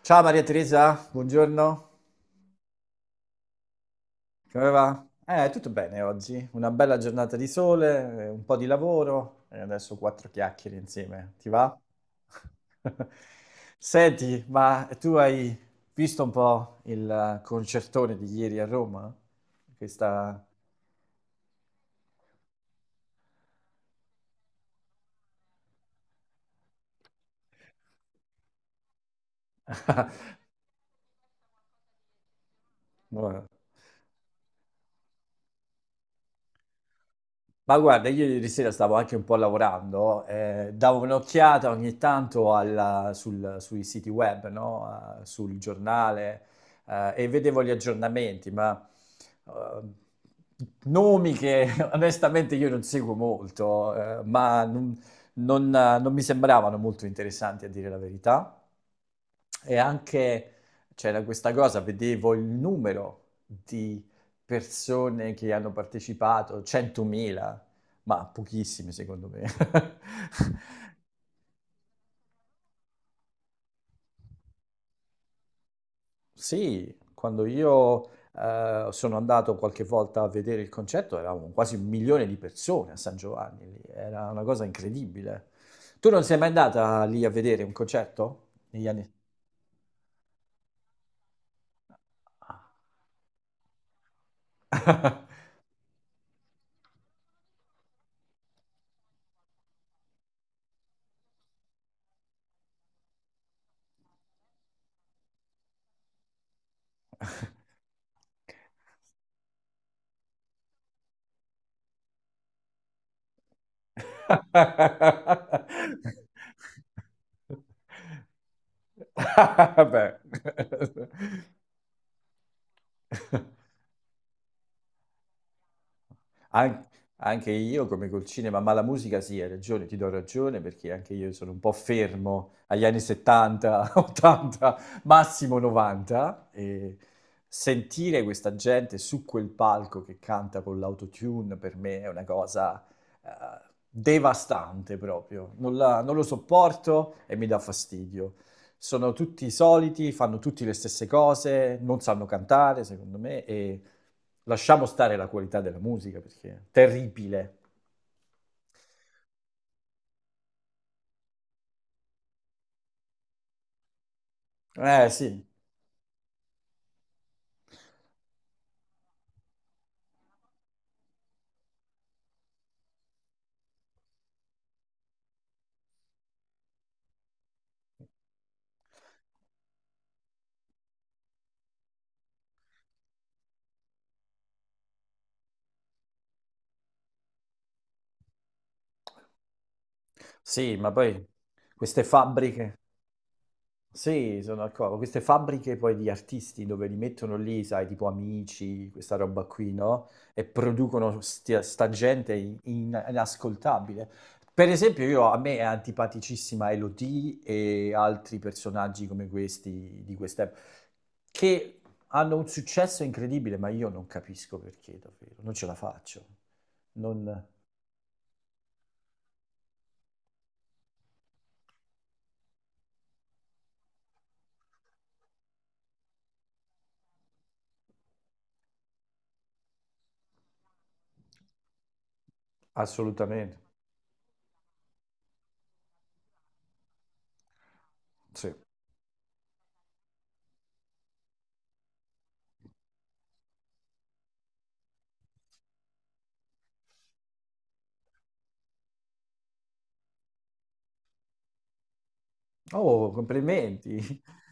Ciao Maria Teresa, buongiorno, come va? Tutto bene oggi, una bella giornata di sole, un po' di lavoro e adesso quattro chiacchiere insieme, ti va? Senti, ma tu hai visto un po' il concertone di ieri a Roma? Questa... Boh. Ma guarda, io ieri sera stavo anche un po' lavorando, davo un'occhiata ogni tanto sui siti web, no? Sul giornale, e vedevo gli aggiornamenti, ma eh, nomi che onestamente io non seguo molto, ma non mi sembravano molto interessanti a dire la verità. E anche c'era questa cosa, vedevo il numero di persone che hanno partecipato, 100.000, ma pochissime secondo me. Sì, quando io sono andato qualche volta a vedere il concerto eravamo quasi un milione di persone a San Giovanni, lì. Era una cosa incredibile. Tu non sei mai andata lì a vedere un concerto negli anni? Ah. Vabbè. An- Anche io, come col cinema, ma la musica sì, hai ragione, ti do ragione, perché anche io sono un po' fermo agli anni 70, 80, massimo 90, e sentire questa gente su quel palco che canta con l'autotune per me è una cosa eh, devastante proprio, non lo sopporto e mi dà fastidio. Sono tutti soliti, fanno tutti le stesse cose, non sanno cantare, secondo me, e lasciamo stare la qualità della musica perché è terribile. Eh sì, sì, ma poi queste fabbriche. Sì, sono d'accordo. Queste fabbriche poi di artisti dove li mettono lì, sai, tipo Amici, questa roba qui, no? E producono sta gente inascoltabile. Per esempio, io, a me è antipaticissima Elodie e altri personaggi come questi di quest'epoca, che hanno un successo incredibile, ma io non capisco perché, davvero. Non ce la faccio. Non... Assolutamente. Sì. Oh, complimenti.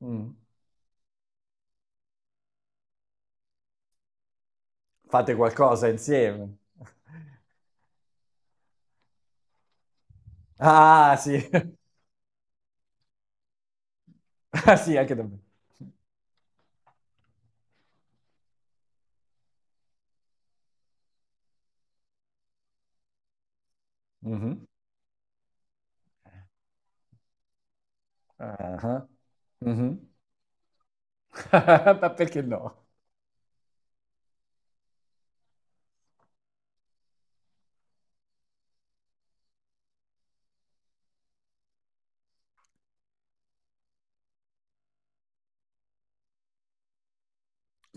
Mm. Fate qualcosa insieme. Ah, sì. Ah, sì, anche da me. Mhm. Ah, ah. Mhm. Ma perché no?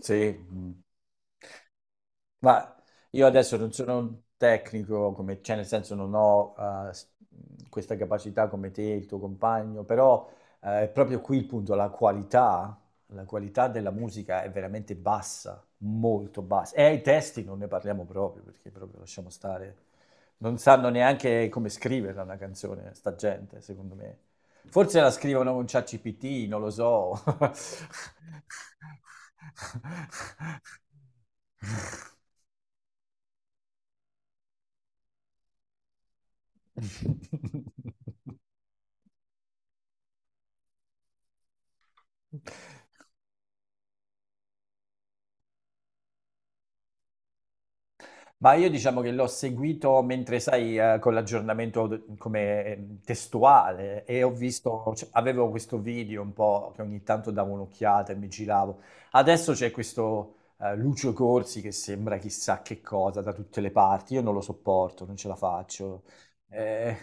Sì. Mm. Ma io adesso non sono un tecnico, come, cioè nel senso non ho eh, s- questa capacità come te, il tuo compagno, però è proprio qui il punto, la qualità della musica è veramente bassa, molto bassa. E ai testi non ne parliamo proprio, perché proprio lasciamo stare. Non sanno neanche come scriverla una canzone, sta gente, secondo me. Forse la scrivono con ChatGPT, non lo so. Ma io diciamo che l'ho seguito mentre, sai, con l'aggiornamento come testuale e ho visto, cioè, avevo questo video un po' che ogni tanto davo un'occhiata e mi giravo. Adesso c'è questo Lucio Corsi che sembra chissà che cosa da tutte le parti, io non lo sopporto, non ce la faccio. Eh,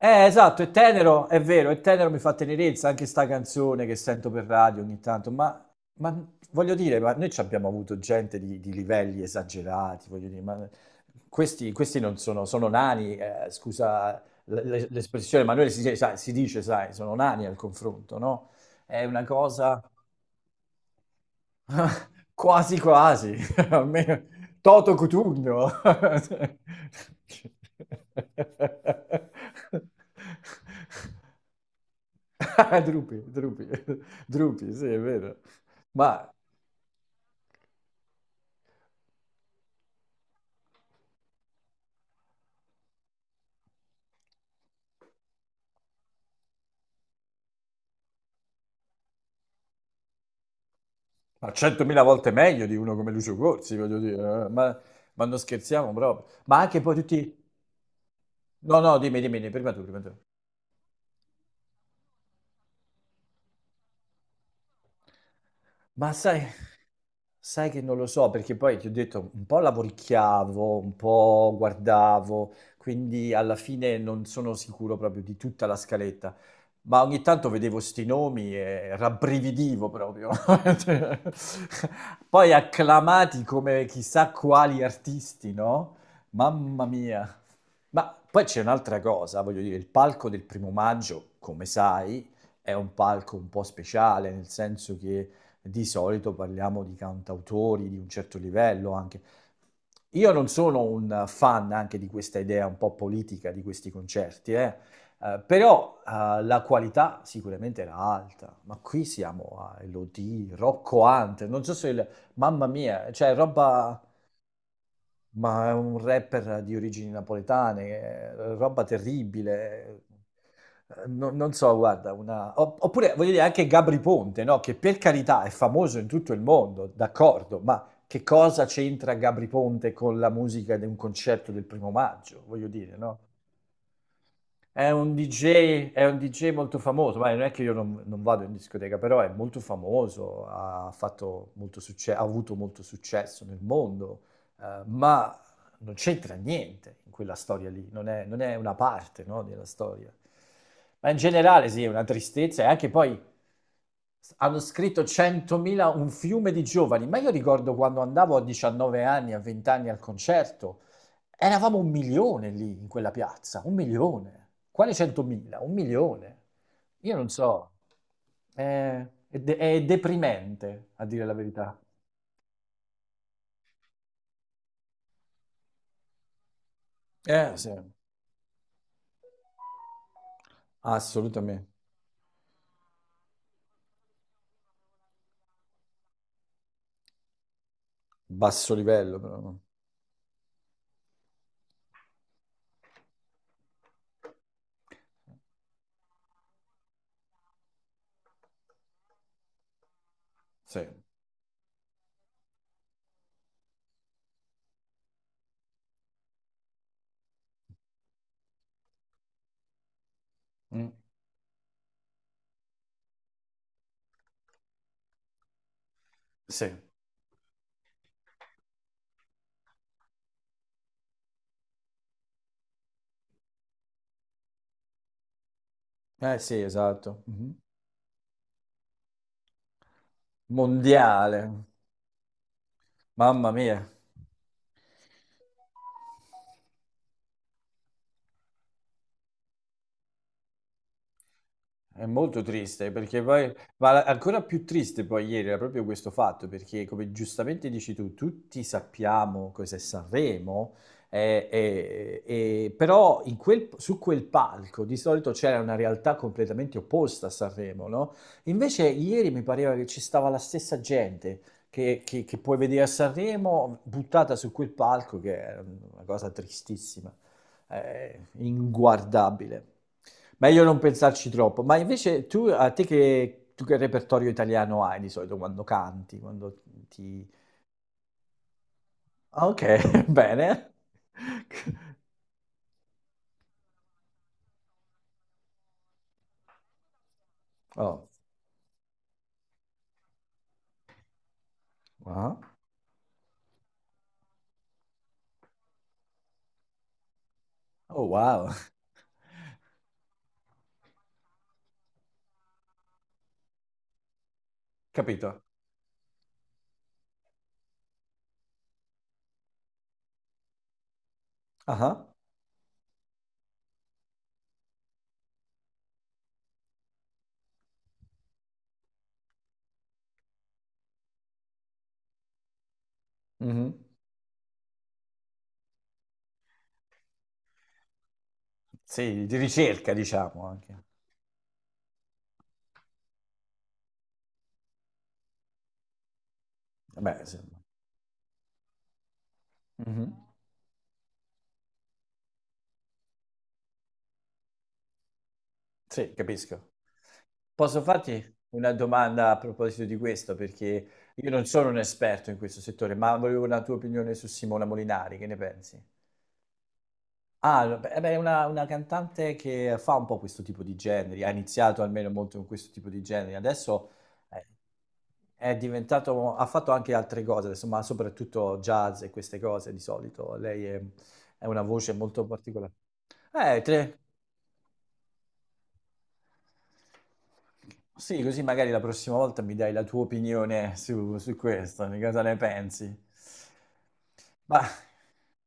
Eh, esatto, è tenero, è vero, è tenero, mi fa tenerezza anche sta canzone che sento per radio ogni tanto, ma, voglio dire, ma noi ci abbiamo avuto gente di livelli esagerati, voglio dire, ma questi non sono, sono nani, scusa l'espressione, ma noi si, sai, si dice, sai, sono nani al confronto, no? È una cosa quasi quasi, almeno Toto Cutugno. Drupi, Drupi, Drupi, sì, è vero. Ma, ma 100.000 volte meglio di uno come Lucio Corsi, voglio dire, eh, ma, ma non scherziamo proprio. Ma anche poi tutti... No, no, dimmi, dimmi, prima tu, prima tu. Ma sai, sai che non lo so, perché poi ti ho detto, un po' lavoricchiavo, un po' guardavo, quindi alla fine non sono sicuro proprio di tutta la scaletta, ma ogni tanto vedevo sti nomi e rabbrividivo proprio. Poi acclamati come chissà quali artisti, no? Mamma mia. Ma poi c'è un'altra cosa, voglio dire, il palco del primo maggio, come sai, è un palco un po' speciale, nel senso che di solito parliamo di cantautori di un certo livello anche. Io non sono un fan anche di questa idea un po' politica di questi concerti, però la qualità sicuramente era alta, ma qui siamo a Elodie, Rocco Hunter, non so se mamma mia, cioè roba. Ma è un rapper di origini napoletane, roba terribile. Non so, guarda, Oppure, voglio dire, anche Gabri Ponte, no? Che per carità è famoso in tutto il mondo, d'accordo, ma che cosa c'entra Gabri Ponte con la musica di un concerto del primo maggio? Voglio dire, no? È un DJ, è un DJ molto famoso, ma non è che io non vado in discoteca, però è molto famoso, ha avuto molto successo nel mondo, ma non c'entra niente in quella storia lì, non è una parte, no, della storia. Ma in generale sì, è una tristezza e anche poi hanno scritto 100.000, un fiume di giovani, ma io ricordo quando andavo a 19 anni, a 20 anni al concerto. Eravamo un milione lì in quella piazza, un milione. Quali 100.000? Un milione. Io non so. È è deprimente, a dire la verità. Sì, assolutamente. Basso livello, però. Sì. Mm. Sì. Sì, esatto. Mhm. Mondiale. Mamma mia. È molto triste perché poi, ancora più triste poi ieri era proprio questo fatto perché come giustamente dici tu, tutti sappiamo cos'è Sanremo, però su quel palco di solito c'era una realtà completamente opposta a Sanremo, no? Invece ieri mi pareva che ci stava la stessa gente che puoi vedere a Sanremo buttata su quel palco che è una cosa tristissima, inguardabile. Meglio non pensarci troppo, ma invece tu, tu che repertorio italiano hai di solito quando canti, ti... Ah, ok, bene. Oh, ah. Oh, wow, capito. Ah, mhm. Sì, di ricerca diciamo anche. Beh, sì. Mhm. Sì, capisco. Posso farti una domanda a proposito di questo? Perché io non sono un esperto in questo settore, ma volevo una tua opinione su Simona Molinari, che ne pensi? Ah, beh, è una cantante che fa un po' questo tipo di generi, ha iniziato almeno molto con questo tipo di generi, adesso eh, è diventato, ha fatto anche altre cose, insomma, soprattutto jazz e queste cose di solito. È una voce molto particolare. Tre. Sì, così magari la prossima volta mi dai la tua opinione su, su questo, di cosa ne pensi. Ma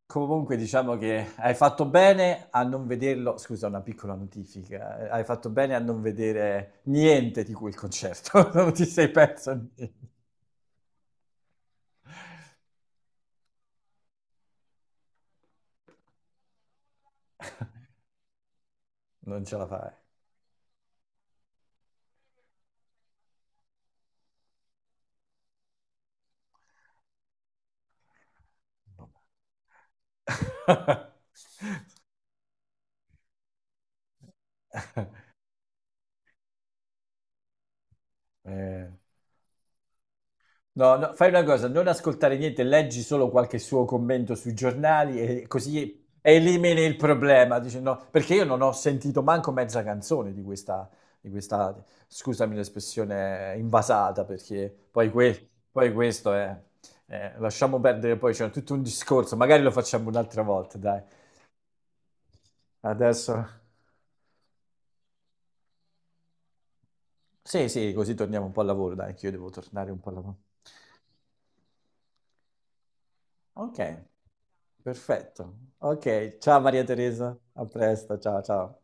comunque diciamo che hai fatto bene a non vederlo, scusa, una piccola notifica, hai fatto bene a non vedere niente di quel concerto, non ti sei perso niente. Non ce la fai. Eh. No, no, fai una cosa, non ascoltare niente, leggi solo qualche suo commento sui giornali e così elimini il problema. Dici, no, perché io non ho sentito manco mezza canzone di questa, di questa- scusami l'espressione, invasata, perché poi, poi questo è... lasciamo perdere poi, c'è tutto un discorso, magari lo facciamo un'altra volta, dai. Adesso... Sì, sì, così torniamo un po' al lavoro, dai, che io devo tornare un po' al lavoro. Ok, perfetto. Ok, ciao Maria Teresa, a presto, ciao ciao.